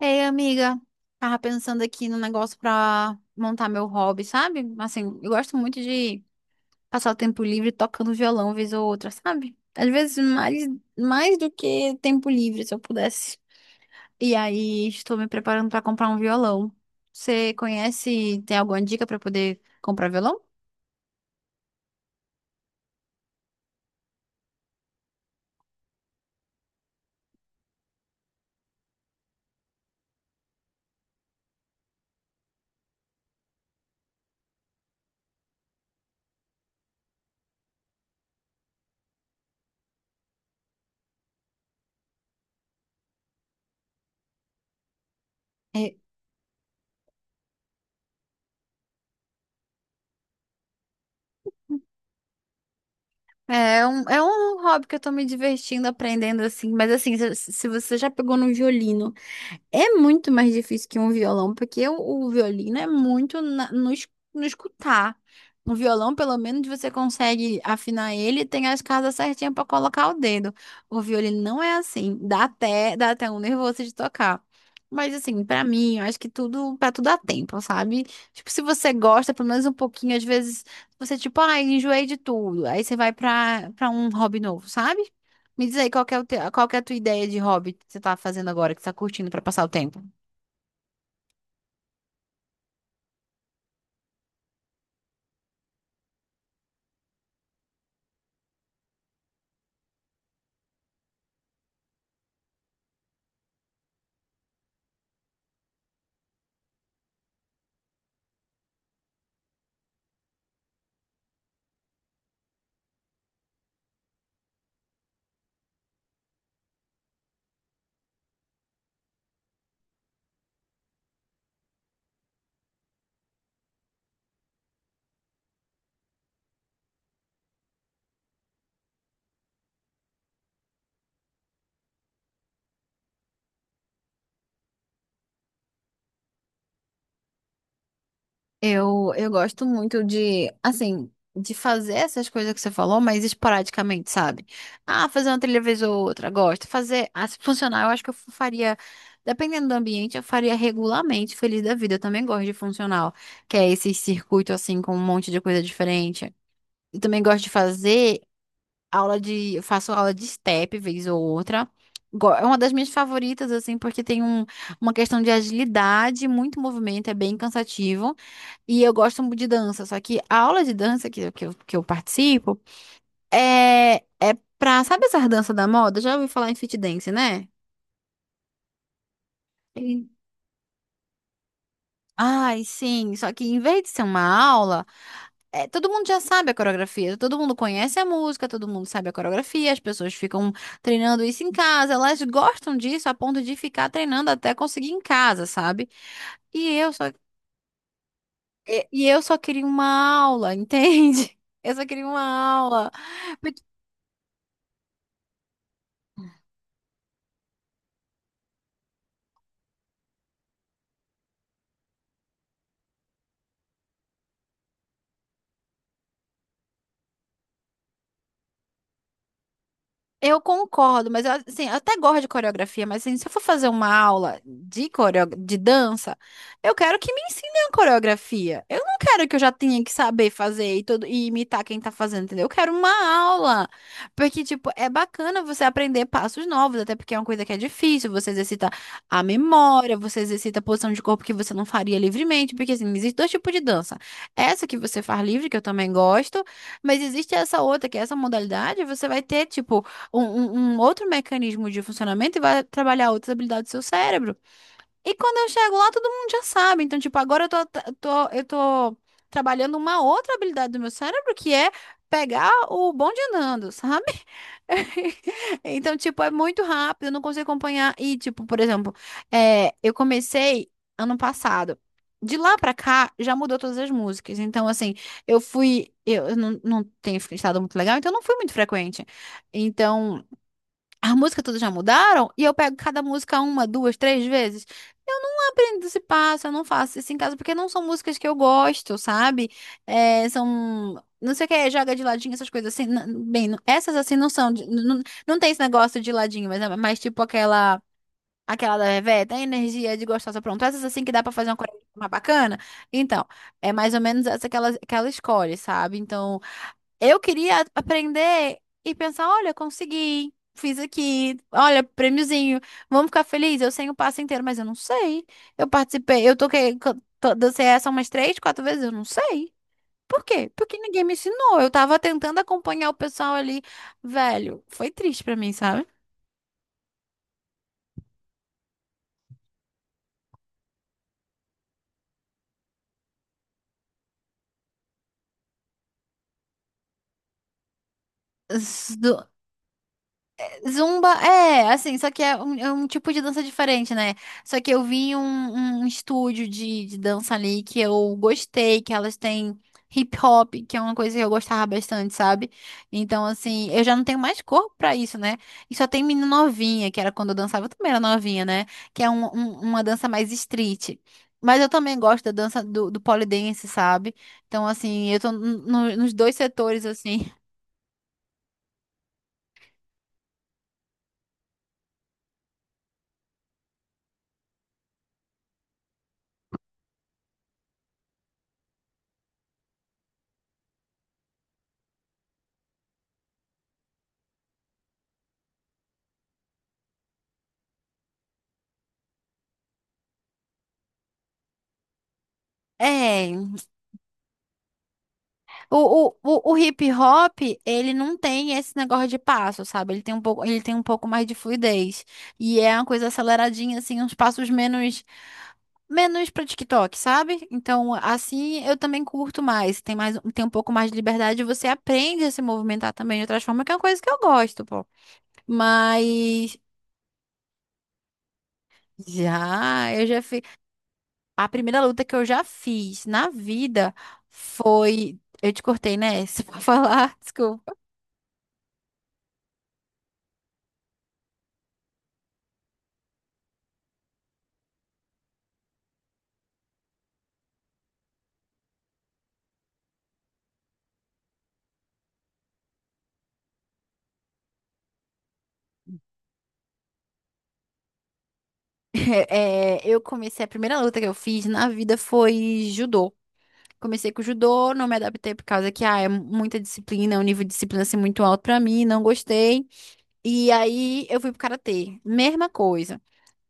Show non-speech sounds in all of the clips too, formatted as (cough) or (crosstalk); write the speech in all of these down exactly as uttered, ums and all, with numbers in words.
Ei, amiga, tava pensando aqui no negócio pra montar meu hobby, sabe? Assim, eu gosto muito de passar o tempo livre tocando violão vez ou outra, sabe? Às vezes mais, mais do que tempo livre, se eu pudesse. E aí, estou me preparando pra comprar um violão. Você conhece, tem alguma dica pra poder comprar violão? É, é um, é um hobby que eu tô me divertindo aprendendo, assim, mas assim, se, se você já pegou no violino. É muito mais difícil que um violão, porque o, o violino é muito na- no, es- no escutar. No violão, pelo menos, você consegue afinar ele e tem as casas certinhas para colocar o dedo. O violino não é assim. Dá até, dá até um nervoso de tocar. Mas, assim, para mim, eu acho que tudo, para tudo há tempo, sabe? Tipo, se você gosta, pelo menos um pouquinho, às vezes, você, tipo, ai, enjoei de tudo. Aí você vai para para um hobby novo, sabe? Me diz aí, qual que é, o teu- qual que é a tua ideia de hobby que você tá fazendo agora, que você tá curtindo pra passar o tempo? Eu, eu gosto muito de, assim, de fazer essas coisas que você falou, mas esporadicamente, sabe? Ah, fazer uma trilha vez ou outra, gosto. Fazer, ah, se funcionar, eu acho que eu faria, dependendo do ambiente, eu faria regularmente, feliz da vida. Eu também gosto de funcional, que é esse circuito, assim, com um monte de coisa diferente. Eu também gosto de fazer aula de, eu faço aula de step vez ou outra. Go- É uma das minhas favoritas, assim, porque tem um, uma questão de agilidade, muito movimento, é bem cansativo. E eu gosto muito de dança, só que a aula de dança que, eu- que, eu, que eu participo é, é pra, sabe essa dança da moda? Já ouvi falar em fit dance, né? Ai, sim. Só que em vez de ser uma aula, é, todo mundo já sabe a coreografia, todo mundo conhece a música, todo mundo sabe a coreografia, as pessoas ficam treinando isso em casa, elas gostam disso a ponto de ficar treinando até conseguir em casa, sabe? E eu só, e e eu só queria uma aula, entende? (laughs) Eu só queria uma aula. Eu concordo, mas eu, assim, eu até gosto de coreografia, mas assim, se eu for fazer uma aula de coreo... de dança, eu quero que me ensinem a coreografia. Eu não quero que eu já tenha que saber fazer e, tudo, e imitar quem tá fazendo, entendeu? Eu quero uma aula. Porque, tipo, é bacana você aprender passos novos, até porque é uma coisa que é difícil, você exercita a memória, você exercita a posição de corpo que você não faria livremente, porque, assim, existem dois tipos de dança. Essa que você faz livre, que eu também gosto, mas existe essa outra, que é essa modalidade, você vai ter, tipo, um, um- um outro mecanismo de funcionamento e vai trabalhar outras habilidades do seu cérebro. E quando eu chego lá, todo mundo já sabe. Então, tipo, agora eu tô, tô- eu tô trabalhando uma outra habilidade do meu cérebro, que é pegar o bonde andando, sabe? (laughs) Então, tipo, é muito rápido, eu não consigo acompanhar. E, tipo, por exemplo, é, eu comecei ano passado. De lá pra cá, já mudou todas as músicas. Então, assim, eu fui. Eu eu não, não tenho estado muito legal, então eu não fui muito frequente. Então. A música todas já mudaram e eu pego cada música uma, duas, três vezes. Eu não aprendo esse passo, eu não faço isso em casa, porque não são músicas que eu gosto, sabe? É, são. Não sei o que é, joga de ladinho, essas coisas assim. N- Bem, não- essas assim não são. de- Não, não não tem esse negócio de ladinho, mas, é mais tipo aquela. Aquela da Reveta, a energia de gostosa, pronto. Essas assim que dá pra fazer uma coisa mais bacana. Então, é mais ou menos essa que ela, que ela escolhe, sabe? Então. Eu queria aprender e pensar, olha, consegui, fiz aqui, olha, prêmiozinho, vamos ficar felizes. Eu sei o passo inteiro, mas eu não sei. Eu participei, eu toquei, co- to- dancei essa umas três, quatro vezes, eu não sei. Por quê? Porque ninguém me ensinou. Eu tava tentando acompanhar o pessoal ali, velho. Foi triste pra mim, sabe? Zumba é, assim, só que é um, é um tipo de dança diferente, né? Só que eu vi um, um estúdio de, de dança ali que eu gostei, que elas têm hip hop, que é uma coisa que eu gostava bastante, sabe? Então, assim, eu já não tenho mais corpo pra isso, né? E só tem menina novinha, que era quando eu dançava, eu também era novinha, né? Que é um- um- uma dança mais street. Mas eu também gosto da dança do, do pole dance, sabe? Então, assim, eu tô no- no- nos dois setores, assim. (laughs) É. O, o, o, o hip hop, ele não tem esse negócio de passo, sabe? Ele tem um pouco, ele tem um pouco mais de fluidez. E é uma coisa aceleradinha, assim, uns passos menos, menos pra TikTok, sabe? Então, assim, eu também curto mais. Tem mais, tem um pouco mais de liberdade. E você aprende a se movimentar também de outras formas, que é uma coisa que eu gosto, pô. Mas, já, eu já fiz. A primeira luta que eu já fiz na vida foi. Eu te cortei, né? (laughs) Se for falar, desculpa. (laughs) É, eu comecei, a primeira luta que eu fiz na vida foi judô. Comecei com judô, não me adaptei por causa que ah, é muita disciplina, é um nível de disciplina assim, muito alto pra mim, não gostei. E aí eu fui pro karatê, mesma coisa.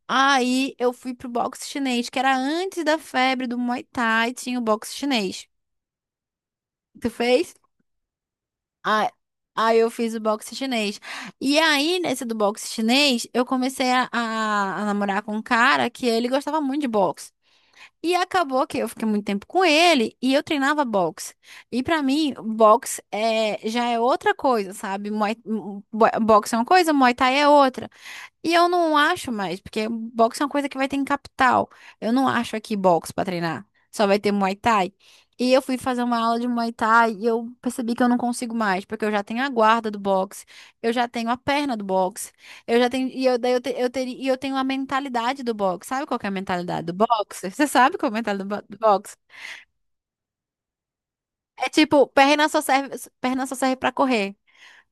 Aí eu fui pro boxe chinês, que era antes da febre do Muay Thai, tinha o boxe chinês. Tu fez? Ah, aí eu fiz o boxe chinês. E aí, nesse do boxe chinês, eu comecei a, a a namorar com um cara que ele gostava muito de boxe. E acabou que eu fiquei muito tempo com ele e eu treinava boxe. E pra mim, boxe é, já é outra coisa, sabe? Muay- bo- boxe é uma coisa, Muay Thai é outra. E eu não acho mais, porque boxe é uma coisa que vai ter em capital. Eu não acho aqui boxe pra treinar. Só vai ter Muay Thai. E eu fui fazer uma aula de Muay Thai e eu percebi que eu não consigo mais, porque eu já tenho a guarda do boxe, eu já tenho a perna do boxe, eu já tenho e eu, daí eu, te- eu teria e eu tenho a mentalidade do boxe. Sabe qual que é a mentalidade do boxe? (laughs) Você sabe qual é a mentalidade do bo- do boxe? É tipo, perna só serve, perna só serve para correr.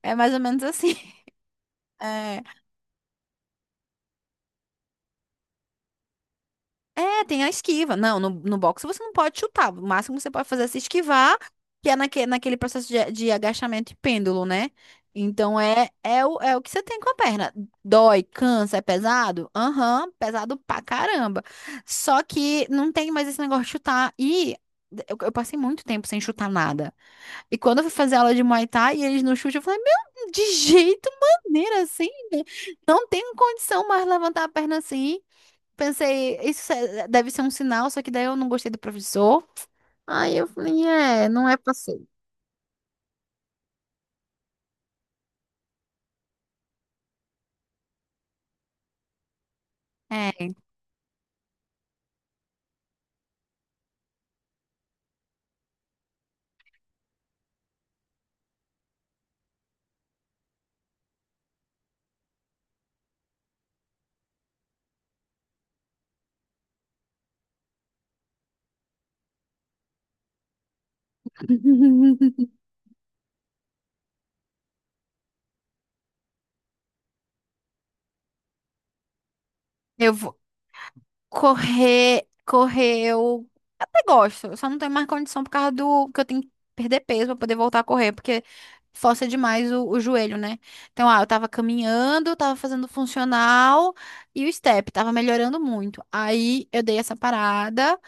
É mais ou menos assim. (laughs) é É, tem a esquiva. Não, no, no boxe você não pode chutar. O máximo que você pode fazer é se esquivar, que é naque, naquele processo de, de agachamento e pêndulo, né? Então é, é, o, é o que você tem com a perna. Dói, cansa, é pesado? Aham, pesado pra caramba. Só que não tem mais esse negócio de chutar. E eu, eu passei muito tempo sem chutar nada. E quando eu fui fazer aula de Muay Thai e eles não chutam, eu falei, meu, de jeito, maneira assim, né? Não tenho condição mais levantar a perna assim, pensei, isso é- deve ser um sinal, só que daí eu não gostei do professor. Aí eu falei, é, não é passeio. É. (laughs) Eu vou- Correr, correr, eu até gosto. Eu só não tenho mais condição por causa do que eu tenho que perder peso pra poder voltar a correr, porque força demais o, o joelho, né? Então, ah, eu tava caminhando, tava fazendo funcional e o step tava melhorando muito. Aí eu dei essa parada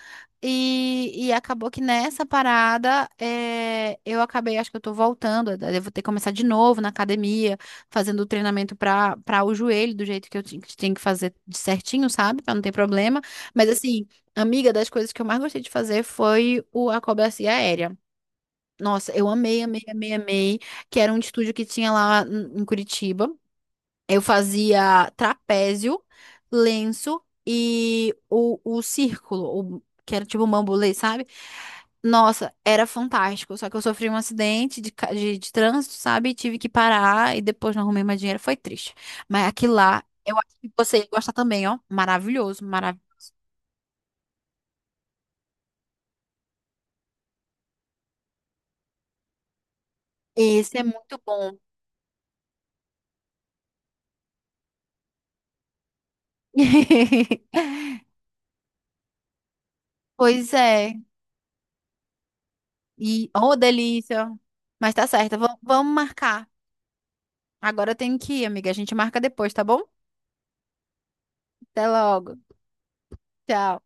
e, e acabou que nessa parada é, eu acabei, acho que eu tô voltando, eu devo ter que começar de novo na academia fazendo o treinamento para para o joelho, do jeito que eu ti- que tinha que fazer de certinho, sabe, para não ter problema. Mas assim, amiga, das coisas que eu mais gostei de fazer foi o, a acrobacia aérea. Nossa, eu amei, amei, amei, amei, que era um estúdio que tinha lá em em Curitiba. Eu fazia trapézio, lenço e o, o círculo, o, que era tipo um bambolê, sabe? Nossa, era fantástico. Só que eu sofri um acidente de, ca- de, de trânsito, sabe? Tive que parar e depois não arrumei mais dinheiro. Foi triste. Mas aquilo lá, eu acho que você ia gostar também, ó. Maravilhoso, maravilhoso. Esse é muito bom. (laughs) Pois é. E, oh, delícia. Mas tá certo, vamos vamos marcar. Agora eu tenho que ir, amiga. A gente marca depois, tá bom? Até logo. Tchau.